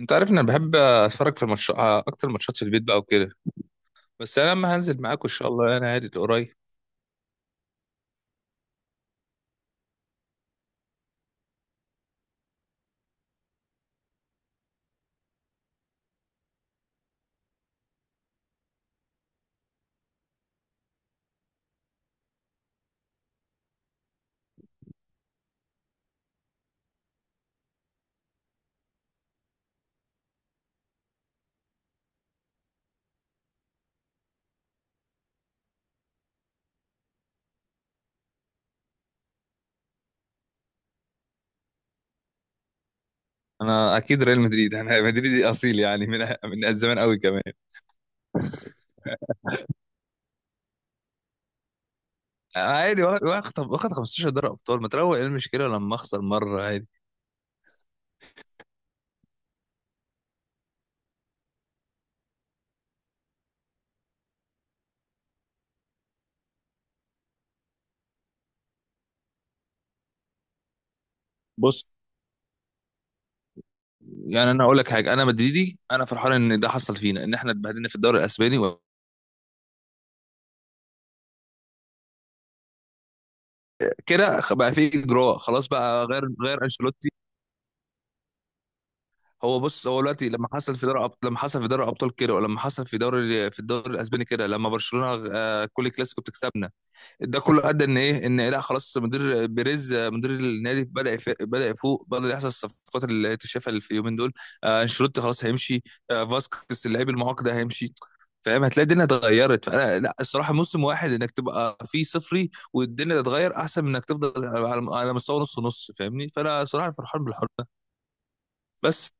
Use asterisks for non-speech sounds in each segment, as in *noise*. انت عارف ان انا بحب اتفرج في الماتش اكتر ماتشات في البيت بقى وكده. بس انا لما هنزل معاكم ان شاء الله انا عادي قريب. انا اكيد ريال مدريد. *laughs* انا مدريدي اصيل يعني من زمان قوي كمان. انا عادي واخد 15 دوري ابطال، ما تروق ايه المشكله لما اخسر مره عادي. بص، يعني انا هقول لك حاجه، انا مدريدي، انا فرحان ان ده حصل فينا، ان احنا اتبهدلنا في الدوري الاسباني كده بقى في اجراء، خلاص بقى غير انشيلوتي. هو دلوقتي لما حصل في دوري الابطال كده، ولما حصل في الدوري الاسباني كده، لما برشلونه كل كلاسيكو بتكسبنا، ده كله ادى ان لا خلاص، مدير بيريز مدير النادي بدا بدا يفوق، بدا يحصل الصفقات اللي اتشافها اللي في اليومين دول. انشيلوتي خلاص هيمشي. فاسكس اللاعب المعاق ده هيمشي. فاهم، هتلاقي الدنيا اتغيرت. فانا لا، الصراحه موسم واحد انك تبقى فيه صفري والدنيا تتغير احسن من انك تفضل على مستوى نص فاهمني، فانا صراحه فرحان بالحوار ده. بس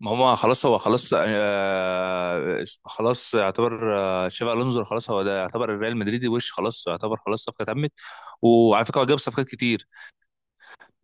ما هو خلاص يعتبر شافي الونزو، خلاص هو ده يعتبر الريال مدريدي وش، خلاص يعتبر خلاص صفقه تمت. وعلى فكره هو جاب صفقات كتير.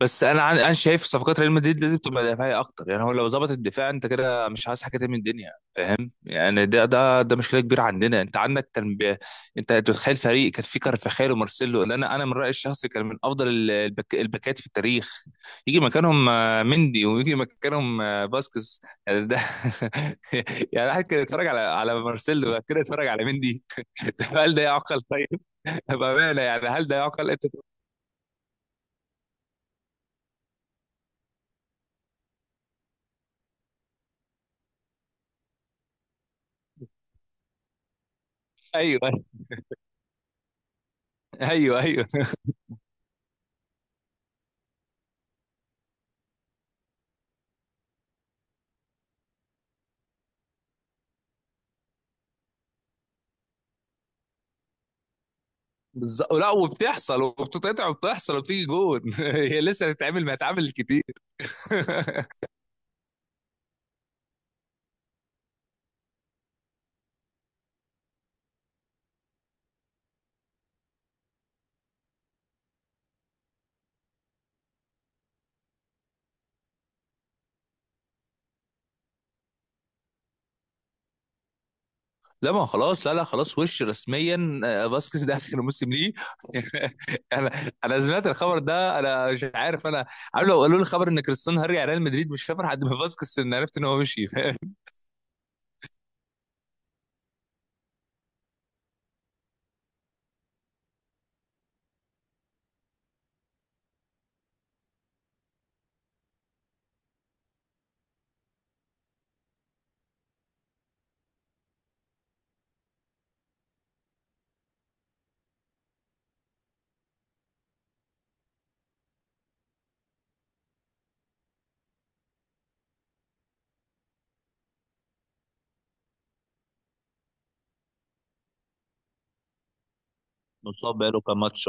بس انا شايف صفقات ريال مدريد لازم تبقى دفاعيه اكتر، يعني هو لو ظبط الدفاع انت كده مش عايز حاجه تاني من الدنيا، فاهم يعني؟ ده مشكله كبيره عندنا. انت عندك كان انت تتخيل فريق كان فيه كارفاخال ومارسيلو، اللي انا من رايي الشخصي كان من افضل الباكات في التاريخ، يجي مكانهم مندي ويجي مكانهم باسكس. يعني ده *laughs* يعني واحد كان يتفرج على مارسيلو بعد كده يتفرج على مندي. *laughs* هل ده يعقل طيب؟ بامانه يعني هل ده يعقل انت؟ ايوه. *laughs* ايوه ايوه. بالظبط، لا وبتحصل وبتتقطع وبتحصل وبتيجي جون. *laughs* هي لسه هتتعمل، ما هتتعمل كتير. *laughs* لا ما خلاص، لا لا خلاص وش، رسميا فاسكيز ده اخر موسم ليه. *laughs* انا، انا سمعت الخبر ده، انا مش عارف، انا عارف لو قالوا لي خبر ان كريستيانو هاري على ريال مدريد مش هفرح قد ما *laughs* فاسكيز، ان عرفت ان هو ممشي. *laughs* فاهم؟ مصاب بقاله كام ماتش؟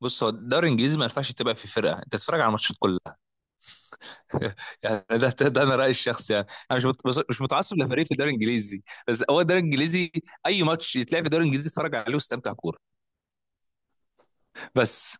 بص هو الدوري الانجليزي ما ينفعش تبقى في فرقه، انت تتفرج على الماتشات كلها. *laughs* يعني ده انا رايي الشخصي، يعني انا مش مت- بص- مش متعصب لفريق في الدوري الانجليزي. بس هو الدوري الانجليزي، اي ماتش يتلعب في الدوري الانجليزي اتفرج عليه واستمتع كوره. بس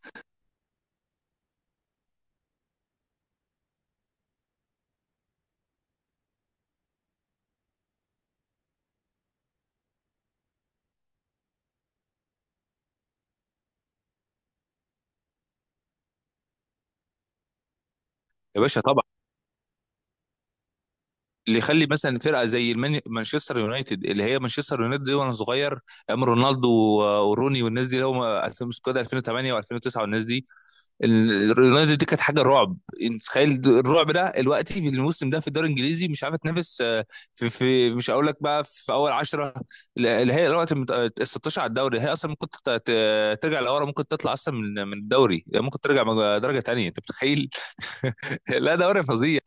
يا باشا، اللي يخلي مثلا فرقه زي مانشستر يونايتد، اللي هي مانشستر يونايتد دي وانا صغير، ايام رونالدو وروني والناس دي، اللي هم 2000 سكواد 2008 و2009 والناس دي، اليونايتد دي كانت حاجه رعب. انت تخيل الرعب ده دلوقتي في الموسم ده في الدوري الانجليزي مش عارفه تنافس. في مش هقول لك بقى في اول 10، اللي هي الوقت ال 16 على الدوري، هي اصلا ممكن ترجع لورا، ممكن تطلع اصلا من الدوري، ممكن ترجع درجه تانيه، انت متخيل؟ *laughs* لا دوري فظيع.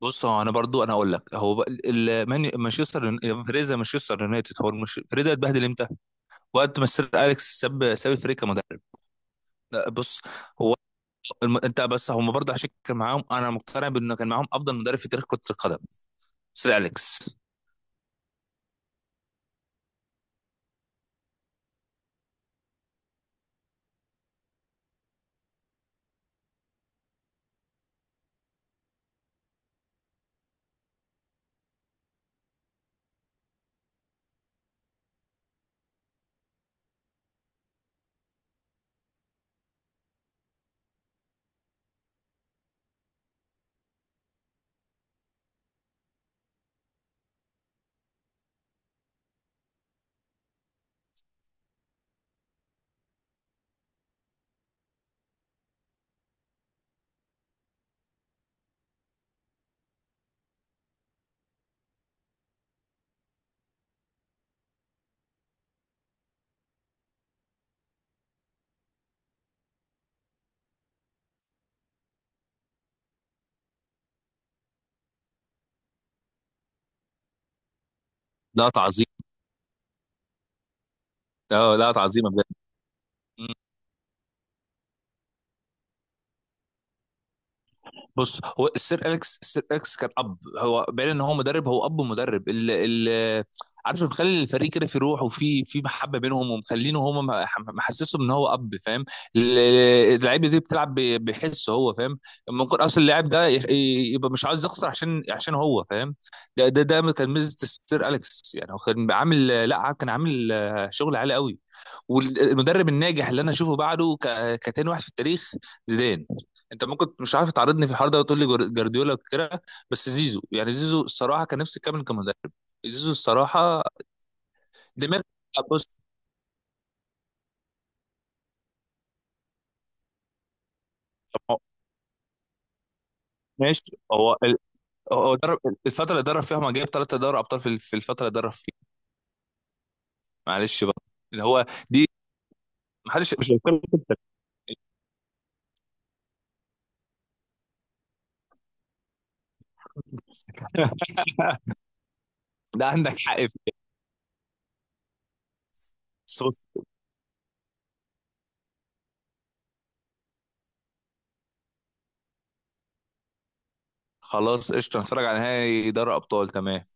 بص هو انا برضو اقول لك، هو بقى فريزا مانشستر يونايتد، هو مش فريزا، اتبهدل امتى؟ وقت ما سير اليكس ساب الفريق كمدرب. لا، بص، هو انت بس، هم برضه عشان كان معاهم، انا مقتنع بانه كان معاهم افضل مدرب في تاريخ كرة القدم، سير اليكس. لا تعظيم. لا لا تعظيم. بص هو السير اليكس كان اب، هو بعيد ان هو مدرب، هو اب ومدرب ال ال عارف، مخلي الفريق كده في روح وفي في محبه بينهم، ومخلينه هم، محسسهم ان هو اب، فاهم؟ ال- اللعيبه دي بتلعب بحس، هو فاهم، ممكن اصلا اللاعب ده يبقى مش عاوز يخسر عشان عشان هو فاهم. ده كان ميزه السير اليكس، يعني هو كان عامل، لا كان عامل شغل عالي قوي. والمدرب الناجح اللي انا اشوفه بعده كتاني واحد في التاريخ، زيدان. انت ممكن مش عارف تعرضني في الحوار ده وتقول لي جارديولا وكده، بس زيزو يعني، زيزو الصراحه كان نفسي يكمل كمدرب. زيزو الصراحه دماغ. بص هو- ماشي، هو هو درب الفتره اللي درب فيها ما جاب ثلاثه دوري ابطال في في الفتره اللي درب فيها. معلش بقى، اللي هو دي، محدش مش هيتكلم كده. *laughs* ده عندك حق فيه. بس بص، خلاص قشطه نتفرج على نهائي دوري ابطال، تمام.